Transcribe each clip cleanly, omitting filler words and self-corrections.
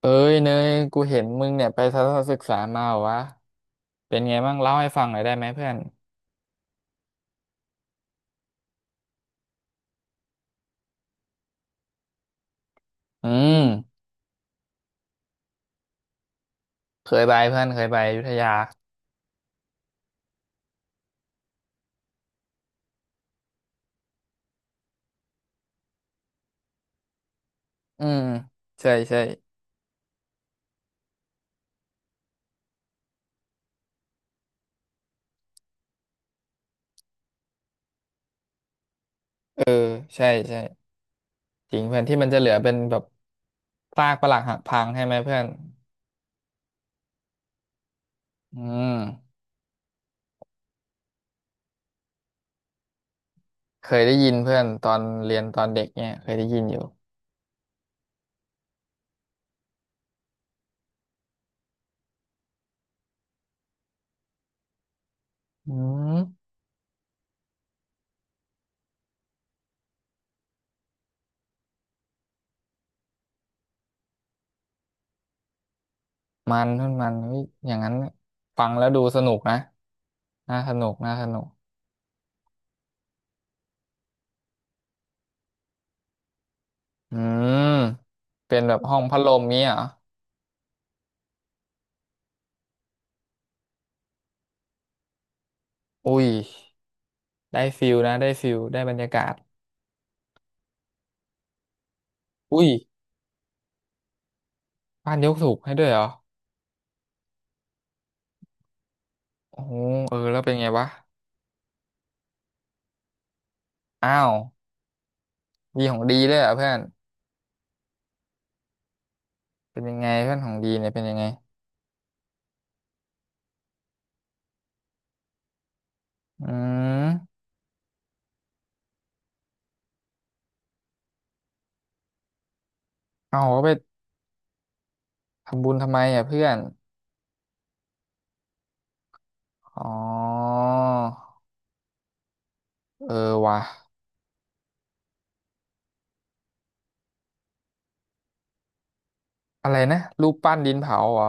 เอ้ยเนยกูเห็นมึงเนี่ยไปทัศนศึกษามาเหรอวะเป็นไงบ้างเล่าให้ฟังหน่อยได้ไหมเพื่อนอืมเคยไปเพื่อนเคยไปอยุธยาอืมใช่ใช่เออใช่ใช่จริงเพื่อนที่มันจะเหลือเป็นแบบซากปรักหักพังใช่ไหมเพื่อนอืมเคยได้ยินเพื่อนตอนเรียนตอนเด็กเนี่ยเคยได้ยินอยู่อืมมันเพื่อนมันเฮ้ยอย่างนั้นฟังแล้วดูสนุกนะน่าสนุกน่าสนุกอืมเป็นแบบห้องพัดลมนี้เหรอ อุ้ยได้ฟิลนะได้ฟิลได้บรรยากาศอุ้ยบ้านยกสูบให้ด้วยเหรอโอ้โหเออแล้วเป็นไงวะอ้าวดีของดีด้วยเหรอเพื่อนเป็นยังไงเพื่อนของดีเนี่ยเป็นยังไงอืมเอาเขาไปทำบุญทำไมอ่ะเพื่อนอ๋อเออวะอะไรนะรูปปั้นดินเผาเหรอ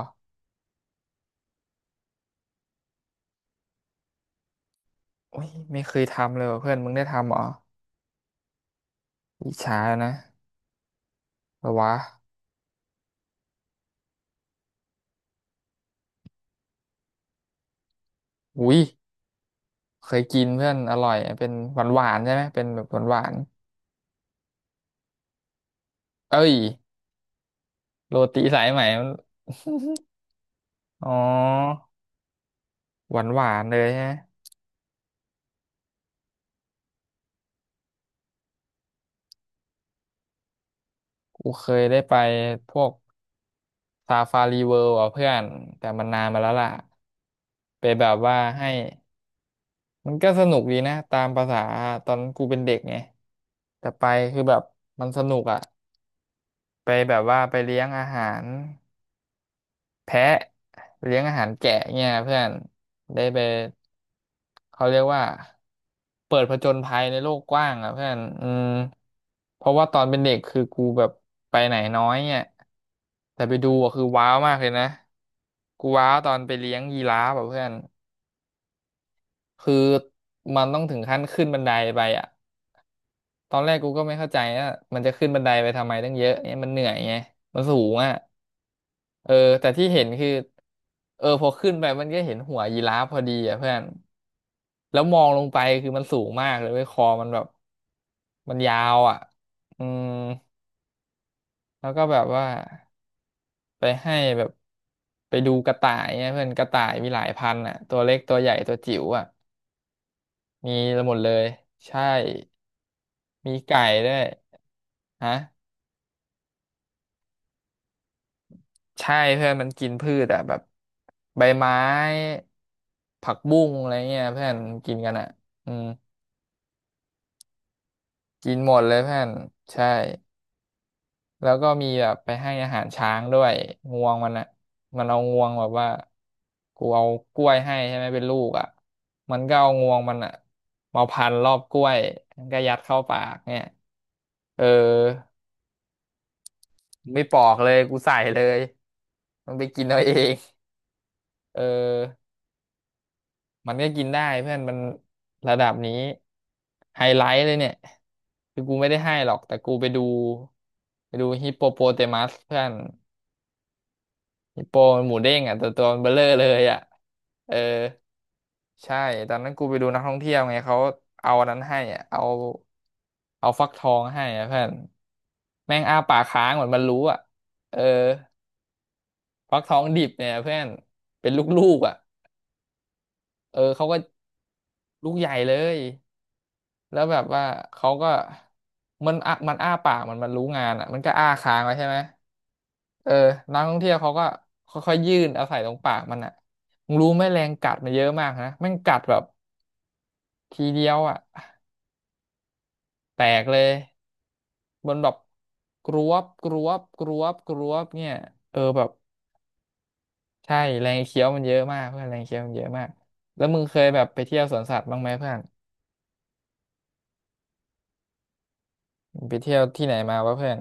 โอุ้ยไม่เคยทำเลยว่ะเพื่อนมึงได้ทำเหรออิจฉานะเออวะอุ้ยเคยกินเพื่อนอร่อยเป็นหวานหวานใช่ไหมเป็นแบบหวานหวานเอ้ย โรตีสายไหมมัน อ๋อหวานหวานเลยฮะกูเคยได้ไปพวกซาฟารีเวิลด์อ่ะเพื่อนแต่มันนานมาแล้วล่ะไปแบบว่าให้มันก็สนุกดีนะตามภาษาตอนกูเป็นเด็กไงแต่ไปคือแบบมันสนุกอ่ะไปแบบว่าไปเลี้ยงอาหาร แพะเลี้ยงอาหารแกะเนี่ยเพื่อนได้ไปเขาเรียกว่าเปิดผจญภัยในโลกกว้างอ่ะเพื่อนอืมเพราะว่าตอนเป็นเด็กคือกูแบบไปไหนน้อยเนี่ยแต่ไปดูอะคือว้าวมากเลยนะกูว้าวตอนไปเลี้ยงยีราฟอ่ะเพื่อนคือมันต้องถึงขั้นขึ้นบันไดไปอ่ะตอนแรกกูก็ไม่เข้าใจว่ามันจะขึ้นบันไดไปทำไมตั้งเยอะเนี่ยมันเหนื่อยไงมันสูงอ่ะ เออแต่ที่เห็นคือเออพอขึ้นไปมันก็เห็นหัวยีราฟพอดีอ่ะเพื่อนแล้วมองลงไปคือมันสูงมากเลยเว้ยคอมันแบบมันยาวอ่ะอืมแล้วก็แบบว่าไปให้แบบไปดูกระต่ายเนี่ยเพื่อนกระต่ายมีหลายพันอ่ะตัวเล็กตัวใหญ่ตัวจิ๋วอ่ะมีหมดเลยใช่มีไก่ด้วยฮะ ใช่เพื่อนมันกินพืชอะแบบใบไม้ผักบุ้งอะไรเงี้ยเพื่อนกินกันอะอืมกินหมดเลยเพื่อนใช่แล้วก็มีแบบไปให้อาหารช้างด้วยงวงมันอะมันเอางวงแบบว่ากูเอากล้วยให้ใช่ไหมเป็นลูกอะมันก็เอางวงมันอะมาพันรอบกล้วยมันก็ยัดเข้าปากเนี่ยเออไม่ปอกเลยกูใส่เลยมันไปกินเอาเองเออ มันก็กินได้เพื่อนระดับนี้ไฮไลท์เลยเนี่ยคือกูไม่ได้ให้หรอกแต่กูไปดูไปดูฮิปโปโปเตมัสเพื่อนฮิปโปมันหมูเด้งอ่ะตัวมันเบลอเลยอ่ะเออใช่ตอนนั้นกูไปดูนักท่องเที่ยวไงเขาเอาอันนั้นให้อะเอาฟักทองให้อะเพื่อนแม่งอ้าปากค้างเหมือนมันรู้อ่ะเออฟักทองดิบเนี่ยเพื่อนเป็นลูกๆอ่ะเออเขาก็ลูกใหญ่เลย แล้วแบบว่าเขาก็มันอ่ะมันอ้าปากมันรู้งานอ่ะมันก็อ้าค้างไว้ใช่ไหมเออนักท่องเที่ยวเขาก็ค่อยๆยื่นเอาใส่ตรงปากมันอ่ะมึงรู้ไหมแรงกัดมันเยอะมากนะแม่งกัดแบบทีเดียวอ่ะแตกเลยบนแบบกรวบกรวบกรวบกรวบเนี่ยเออแบบใช่แรงเคี้ยวมันเยอะมากเพื่อนแรงเคี้ยวมันเยอะมากแล้วมึงเคยแบบไปเที่ยวสวนสัตว์บ้างไหมเพื่อนมึงไปเที่ยวที่ไหนมาวะเพื่อน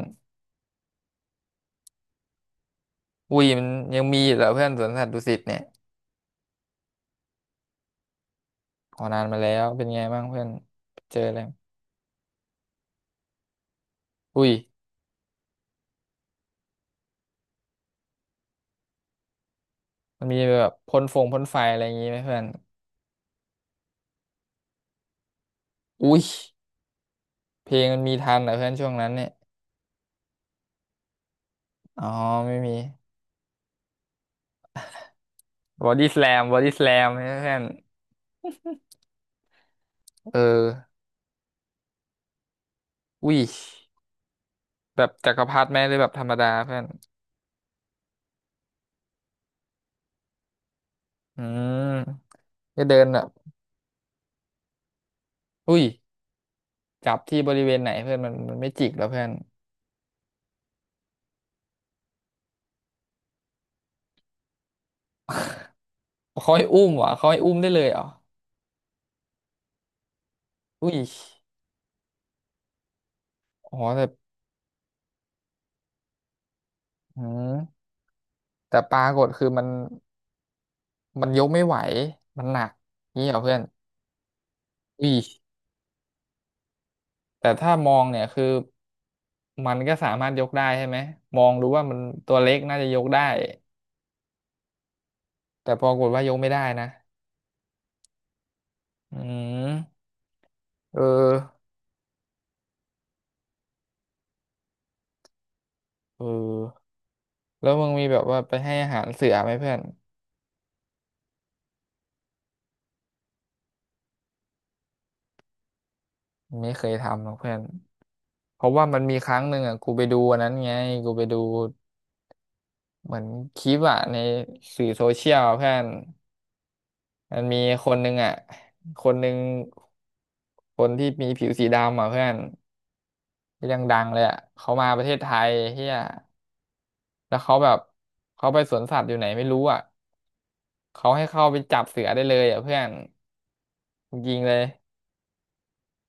อุ้ยมันยังมีอยู่เหรอเพื่อนสวนสัตว์ดุสิตเนี่ย อ๋อนานมาแล้วเป็นไงบ้างเพื่อนเจออะไรอุ้ยมันมีแบบพ่นฟงพ่นไฟอะไรอย่างงี้ไหมเพื่อนอุ้ยเพลงมันมีทันเหรอเพื่อนช่วงนั้นเนี่ยอ๋อไม่มีบอดี้ส a ลมบอดี้ส a ลมเพื่อนเอออุ้ยแบบจักรพรรดิไหมหรือแบบธรรมดาเพื่อนอืมก็เดินแบบอุ้ยจับที่บริเวณไหนเพื่อนมันไม่จิกแล้วเพื่อนเขาให้อุ้มเหรอเขาให้อุ้มได้เลยเหรออุ้ยอ๋อแต่อืมแต่ปรากฏคือมัน มันยกไม่ไหว มันหนักนี่เหรอเพื่อนอุ้ยแต่ถ้ามองเนี่ยคือมันก็สามารถยกได้ใช่ไหมมองรู้ว่ามันตัวเล็กน่าจะยกได้แต่ปรากฏว่ายกไม่ได้นะอืมเออเออแล้วมึงมีแบบว่าไปให้อาหารเสือไหมเพื่อนไม่เคยทำหรอกเพื่อนเพราะว่ามันมีครั้งหนึ่งอ่ะกูไปดูอันนั้นไงกูไปดูเหมือนคลิปอ่ะในสื่อโซเชียลอะเพื่อน มันมีคนหนึ่งอ่ะคนหนึ่งคนที่มีผิวสีดำอ่ะเพื่อนก็ยี่ดังๆเลยอ่ะเขามาประเทศไทยเฮียแล้วเขาแบบเขาไปสวนสัตว์อยู่ไหนไม่รู้อ่ะเขาให้เข้าไปจับเสือได้เลยอ่ะเพื่อนยิงเลย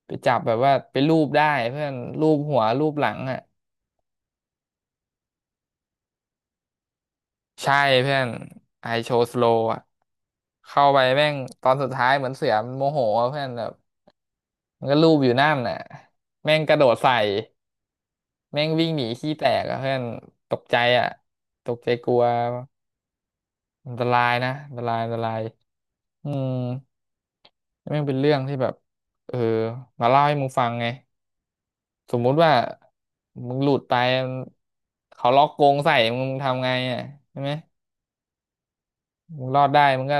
ไปจับแบบว่าไปรูปได้เพื่อนรูปหัวรูปหลังอ่ะใช่เพื่อนไอโชว์สโลอ่ะเข้าไปแม่งตอนสุดท้ายเหมือนเสือมันโมโหอ่ะเพื่อนแบบมันก็ลูบอยู่นั่นน่ะแม่งกระโดดใส่ แม่งวิ่งหนีขี้แตกอะเพื่อนตกใจอะตกใจกลัวอันตรายนะอันตรายอืมแม่งเป็นเรื่องที่แบบเออมาเล่าให้มึงฟังไงสมมุติว่ามึงหลุดไปเขาล็อกกรงใส่มึงทำไงอ่ะใช่ไหมมึงรอดได้มึงก็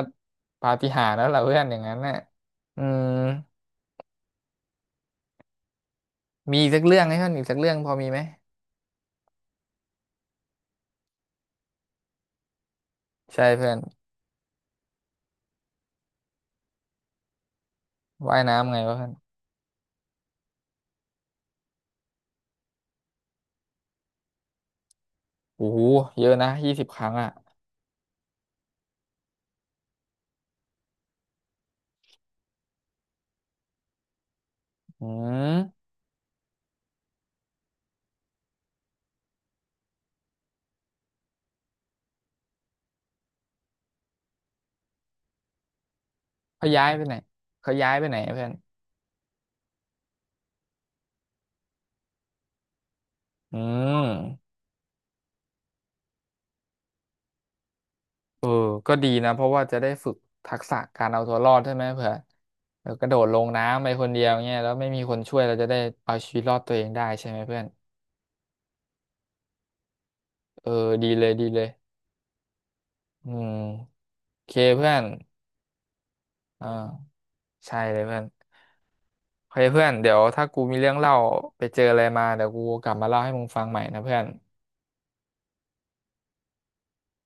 ปาฏิหาริย์แล้วล่ะเพื่อนอย่างนั้นน่ะอืมมีอีกสักเรื่องไหมเพื่อนอีกสักเรื่องพอมีไหมใช่เพื่อนว่ายน้ำไงวะเพื่อนโอ้โหเยอะนะ20 ครั้งอ่ะอืม เขาย้ายไปไหนเขาย้ายไปไหนอะเพื่อนอืมเออก็ดีนะเพราะว่าจะได้ฝึกทักษะการเอาตัวรอดใช่ไหมเผื่อเออกระโดดลงน้ำไปคนเดียวเงี้ยแล้วไม่มีคนช่วยเราจะได้เอาชีวิตรอดตัวเองได้ใช่ไหมเพื่อนเออดีเลยอืมโอเคเพื่อนอ่าใช่เลยเพื่อนโอเคเพื่อนเดี๋ยวถ้ากูมีเรื่องเล่าไปเจออะไรมาเดี๋ยวกูกลับมาเล่าให้มึงฟังใหม่นะเพื่อน